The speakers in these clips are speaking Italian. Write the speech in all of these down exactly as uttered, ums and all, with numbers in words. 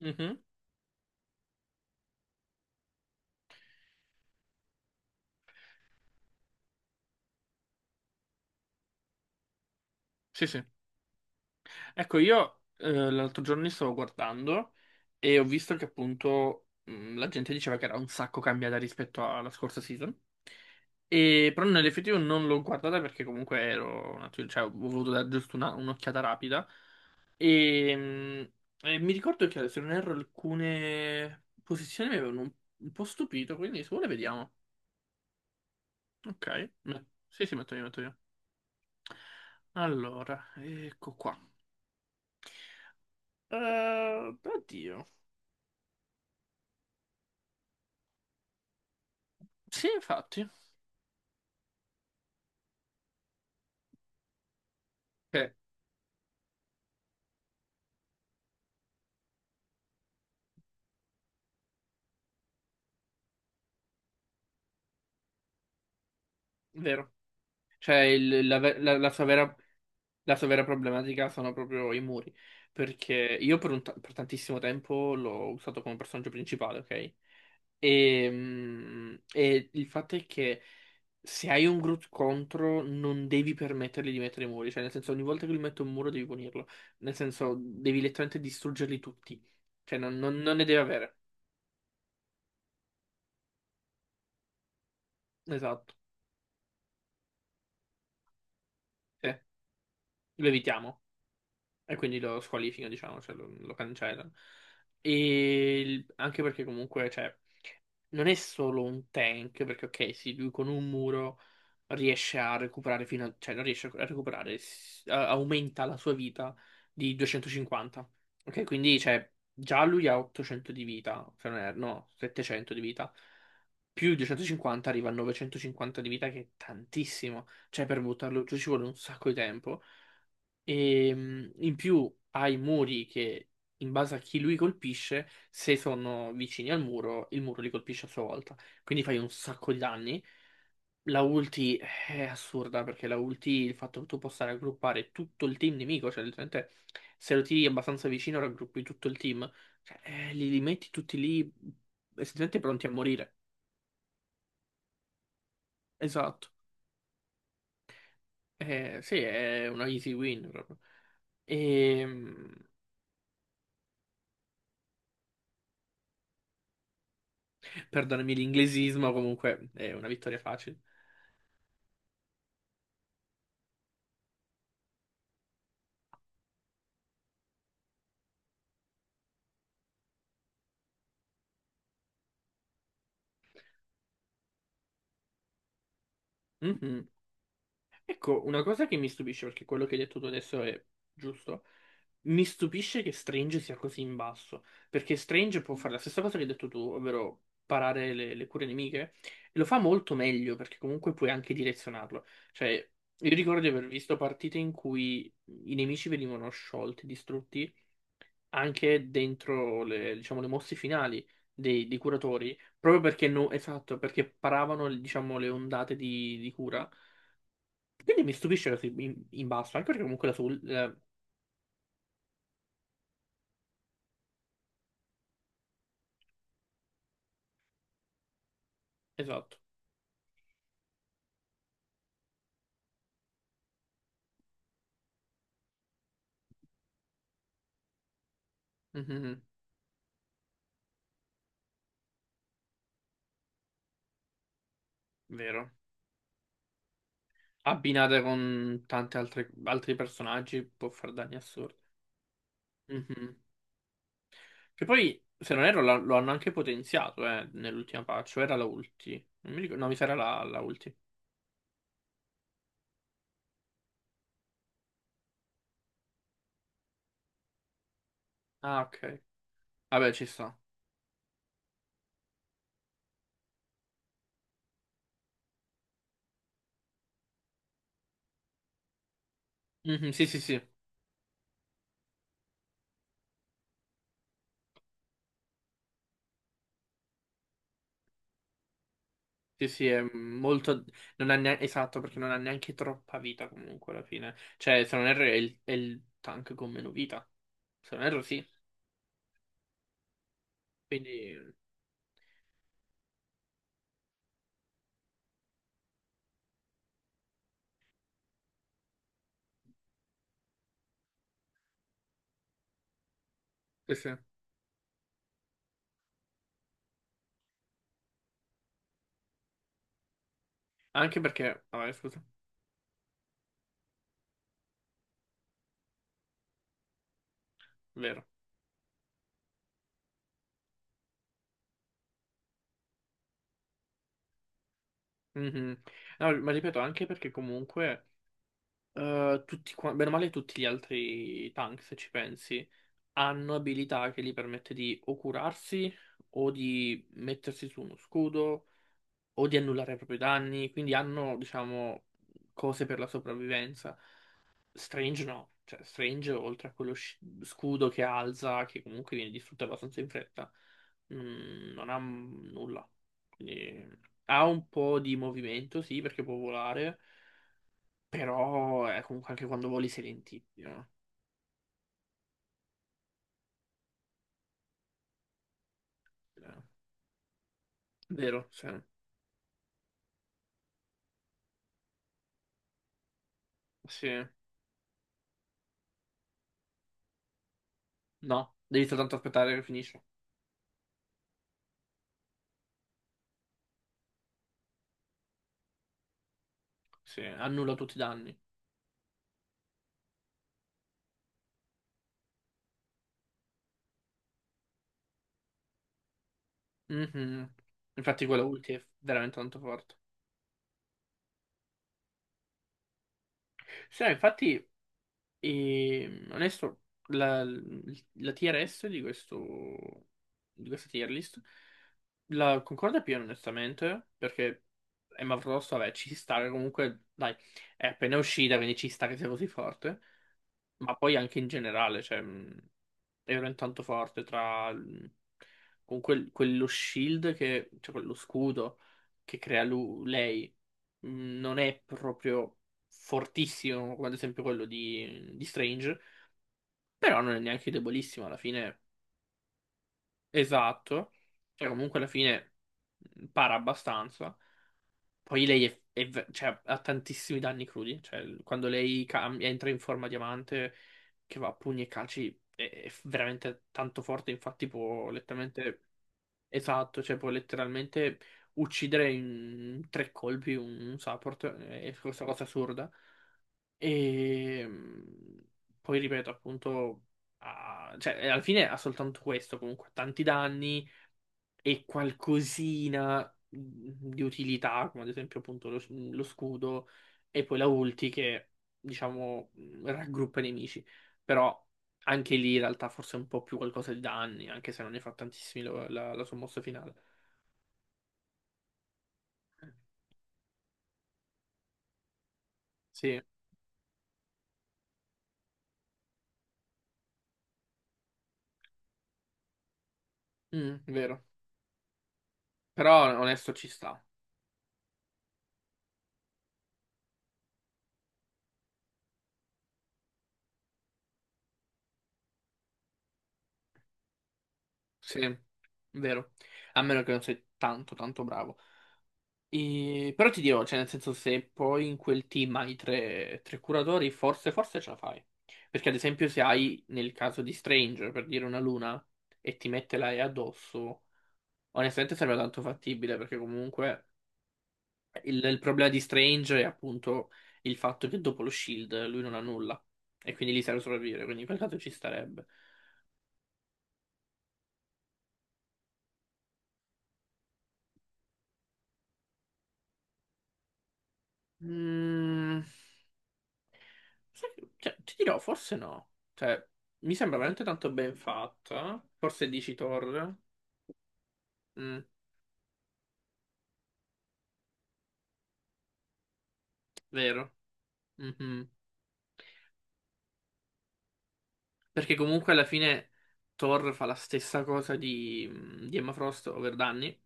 Mhm. Sì, sì. Ecco, io eh, l'altro giorno li stavo guardando e ho visto che appunto mh, la gente diceva che era un sacco cambiata rispetto alla scorsa season. E, però nell'effettivo non l'ho guardata perché comunque ero, un attimo- cioè, ho voluto dare giusto una- un'occhiata rapida. E, mh, e mi ricordo che se non erro alcune posizioni mi avevano un, un po' stupito, quindi se vuole vediamo. Ok. Me- Sì, sì, metto io, metto io. Allora, ecco qua. Eh, oddio. Sì, infatti. Sì, è vero. Cioè, il- la, ve- la- la sua vera, la sua vera problematica sono proprio i muri. Perché io per, un ta- per tantissimo tempo l'ho usato come personaggio principale, ok? E, mm, e il fatto è che se hai un Groot contro, non devi permettergli di mettere i muri. Cioè, nel senso, ogni volta che lui mette un muro devi punirlo. Nel senso, devi letteralmente distruggerli tutti. Cioè, non, non- non ne deve avere. Esatto. Sì, lo evitiamo. E quindi lo squalifica, diciamo, cioè lo, lo cancellano. E il- anche perché comunque, cioè, non è solo un tank, perché ok, sì, lui con un muro riesce a recuperare fino a... cioè non riesce a recuperare, s- a- aumenta la sua vita di duecentocinquanta. Ok, quindi, cioè, già lui ha ottocento di vita, se non erro, no, settecento di vita. Più duecentocinquanta arriva a novecentocinquanta di vita, che è tantissimo. Cioè, per buttarlo giù ci vuole un sacco di tempo. E mh, in più ha i muri che, in base a chi lui colpisce, se sono vicini al muro, il muro li colpisce a sua volta. Quindi fai un sacco di danni. La ulti eh, è assurda perché la ulti, il fatto che tu possa raggruppare tutto il team nemico, cioè letteralmente se lo tiri abbastanza vicino raggruppi tutto il team. Cioè, eh, li, li metti tutti lì essenzialmente pronti a morire. Esatto. Eh, sì, è una easy win proprio. Ehm, Perdonami l'inglesismo, comunque è una vittoria facile. Mhm. Ecco, una cosa che mi stupisce, perché quello che hai detto tu adesso è giusto, mi stupisce che Strange sia così in basso, perché Strange può fare la stessa cosa che hai detto tu, ovvero parare le, le cure nemiche, e lo fa molto meglio, perché comunque puoi anche direzionarlo. Cioè, io ricordo di aver visto partite in cui i nemici venivano sciolti, distrutti, anche dentro le, diciamo, le mosse finali dei, dei curatori, proprio perché, no, esatto, perché paravano, diciamo, le ondate di, di cura. Quindi mi stupisce così in, in basso, anche perché comunque la sul... eh, esatto. Mhm, vero. Abbinata con tanti altri, altri personaggi può far danni assurdi. Mhm. Che poi, se non erro, la- lo hanno anche potenziato, eh, nell'ultima patch, o era la ulti. Non mi ricordo, no, mi sa era la, la ulti. Ah, ok. Vabbè, ci sta. Mhm, sì, sì, sì. Sì, sì, è molto... Non ha neanche... Esatto, perché non ha neanche troppa vita comunque alla fine. Cioè, se non erro è il, è il tank con meno vita. Se non erro sì. Quindi... Sì, sì. Anche perché... Vabbè, scusa. Vero. Mhm. No, ma ripeto, anche perché comunque... eh, tutti, qua- bene o male tutti gli altri tank, se ci pensi, hanno abilità che gli permette di o curarsi o di mettersi su uno scudo o di annullare proprio i propri danni, quindi hanno, diciamo, cose per la sopravvivenza. Strange no, cioè Strange oltre a quello sci- scudo che alza, che comunque viene distrutto abbastanza in fretta, mm, non ha m- nulla. Quindi, ha un po' di movimento, sì, perché può volare, però eh, comunque anche quando voli sei lentissimo. Eh, Vero, sì. Sì. No, devi soltanto aspettare che finisce. Sì, annulla tutti i danni. Mhm. Infatti quella ulti è veramente tanto forte. Sì, no, infatti, eh, onesto, la, la tier S di questo, di questa tier list la concorda più onestamente, perché Emma Frost, vabbè, ci sta che comunque, dai, è appena uscita, quindi ci sta che sia così forte. Ma poi anche in generale, cioè, mh, era intanto forte tra mh, con quel- quello shield che, cioè quello scudo che crea lu- lei, mh, non è proprio fortissimo come ad esempio quello di, di Strange, però non è neanche debolissimo alla fine, esatto, cioè comunque alla fine mh, para abbastanza. Poi lei è, è ve- cioè, ha tantissimi danni crudi. Cioè, quando lei cam- entra in forma diamante, che va a pugni e calci, è, è veramente tanto forte. Infatti, può letteralmente. Esatto, cioè, può letteralmente uccidere in tre colpi un, un support. È questa cosa assurda. E mm, Poi ripeto, appunto, ha- cioè, alla fine ha soltanto questo. Comunque, tanti danni e qualcosina mhmm, di utilità, come ad esempio appunto lo, lo scudo, e poi la ulti che, diciamo, mhmm, raggruppa i nemici. Però anche lì in realtà forse è un po' più qualcosa di danni, anche se non ne fa tantissimi lo- la, la sua mossa finale. Sì, Mm, vero. Però onesto ci sta. Sì, vero. A meno che non sei tanto tanto bravo. E- Però ti dirò, cioè, nel senso, se poi in quel team hai tre, tre curatori, forse, forse ce la fai. Perché, ad esempio, se hai nel caso di Stranger, per dire una luna, e ti mette la E addosso, onestamente sembra tanto fattibile, perché comunque il, il problema di Strange è appunto il fatto che dopo lo shield lui non ha nulla, e quindi lì serve sopravvivere, quindi in quel caso ci starebbe. Mm, sai che- cioè, ti dirò, forse no. Cioè, mi sembra veramente tanto ben fatta. Forse dici Thor. Mm, vero. Mhm. Perché comunque alla fine Thor fa la stessa cosa di, mm, di Emma Frost, ovvero Danny,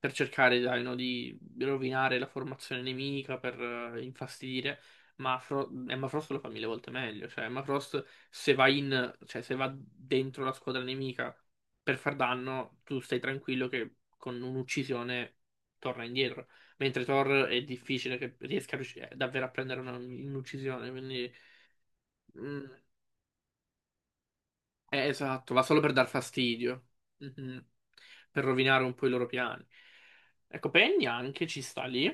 per cercare, dai, no, di rovinare la formazione nemica, per eh, infastidire, ma Fro- Emma Frost lo fa mille volte meglio. Cioè, Emma Frost se va in, cioè se va dentro la squadra nemica per far danno, tu stai tranquillo che con un'uccisione torna indietro. Mentre Thor è difficile che riesca a riusci- eh, davvero a prendere una- un'uccisione, quindi... Mm, eh, esatto, va solo per dar fastidio. Mhm. Per rovinare un po' i loro piani. Ecco, Penny anche ci sta lì,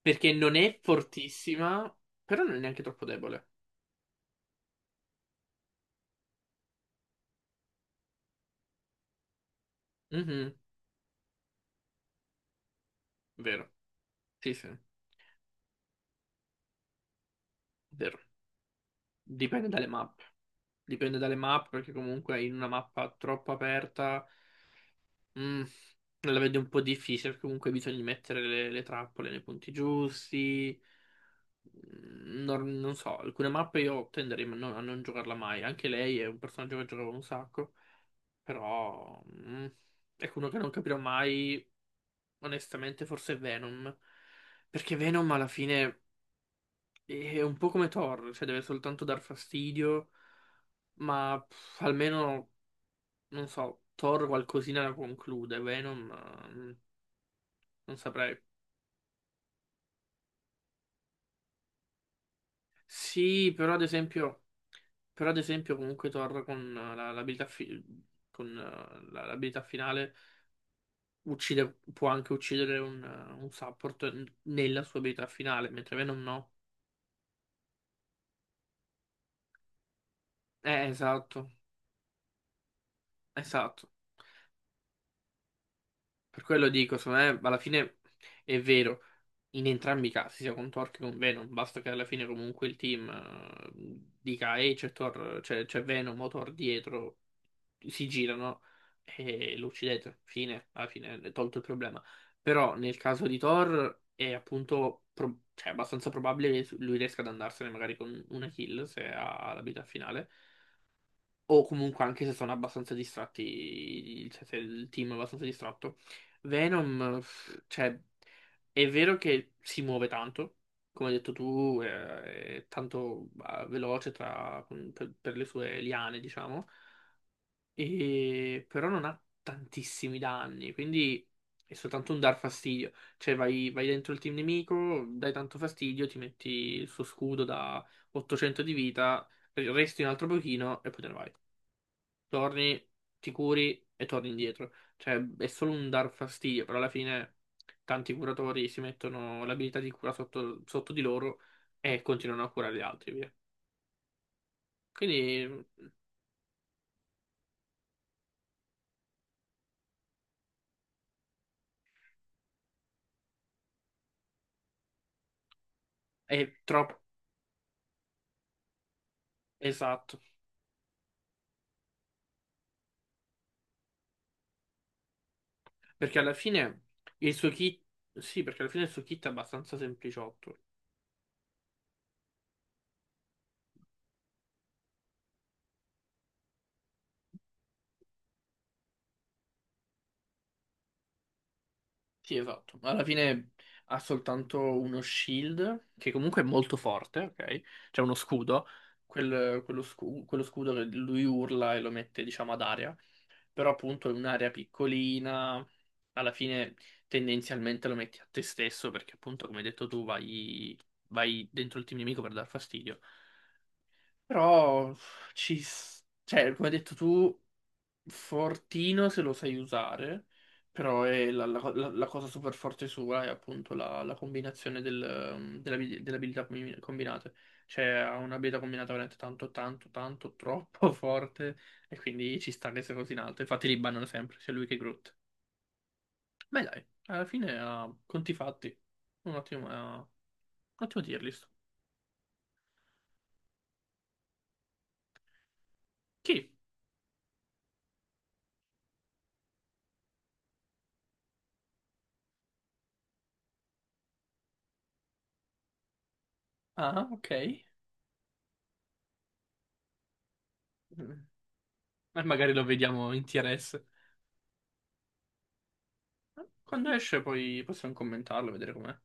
perché non è fortissima, però non è neanche troppo debole. Mhm, vero, sì, sì, vero. Dipende dalle mappe, dipende dalle mappe, perché comunque in una mappa troppo aperta mm, la vedo un po' difficile, perché comunque bisogna mettere le, le trappole nei punti giusti. Non, non so, alcune mappe io tenderei a non, a non giocarla mai. Anche lei è un personaggio che giocavo un sacco, però mm, ecco uno che non capirò mai, onestamente, forse è Venom. Perché Venom alla fine è un po' come Thor, cioè deve soltanto dar fastidio, ma pff, almeno, non so, Thor qualcosina la conclude, Venom, eh, non saprei. Sì, però ad esempio. Però ad esempio comunque Thor con eh, la- l'abilità fi- con eh, la- l'abilità finale uccide, può anche uccidere un, eh, un support n- nella sua abilità finale, mentre Venom no. Eh, esatto, esatto. Per quello dico, secondo me alla fine è vero. In entrambi i casi, sia con Thor che con Venom, basta che alla fine comunque il team eh, dica ehi c'è Thor, c'è c'è Venom o Thor dietro, si girano e lo uccidete, fine, alla fine è tolto il problema. Però nel caso di Thor è appunto, pro- cioè, abbastanza probabile che lui riesca ad andarsene magari con una kill se ha la vita finale o comunque anche se sono abbastanza distratti, cioè se il team è abbastanza distratto. Venom, pff, cioè, è vero che si muove tanto, come hai detto tu, eh, è tanto eh, veloce tra- per, per le sue liane, diciamo, e- però non ha tantissimi danni, quindi è soltanto un dar fastidio. Cioè vai, vai dentro il team nemico, dai tanto fastidio, ti metti il suo scudo da ottocento di vita, resti un altro pochino e poi te ne vai torni, ti curi e torni indietro. Cioè, è solo un dar fastidio, però alla fine tanti curatori si mettono l'abilità di cura sotto, sotto di loro e continuano a curare gli altri, via. Quindi è troppo esatto, perché alla fine il suo kit, sì, perché alla fine il suo kit è abbastanza sempliciotto. Sì, esatto. Alla fine ha soltanto uno shield, che comunque è molto forte, ok? C'è uno scudo, quel- quello, scu- quello scudo che lui urla e lo mette, diciamo, ad aria. Però appunto è un'area piccolina, alla fine tendenzialmente lo metti a te stesso, perché appunto, come hai detto tu, vai, vai dentro il team nemico per dar fastidio. Però ci... s- Cioè, come hai detto tu... Fortino se lo sai usare, però è la, la- la- la cosa super forte sua è appunto la, la combinazione del, ehm, della abil- delle abilità combi- combinate. Cioè ha un'abilità combinata veramente tanto, tanto, tanto, troppo forte e quindi ci sta che sia così in alto. Infatti li bannano sempre, sia lui che Groot. Ma dai, alla fine ha conti fatti. Un ottimo, eh, un ottimo tier list. Chi? Ah, ok. Mm. E magari lo vediamo in T R S. Quando esce poi possiamo commentarlo, vedere com'è.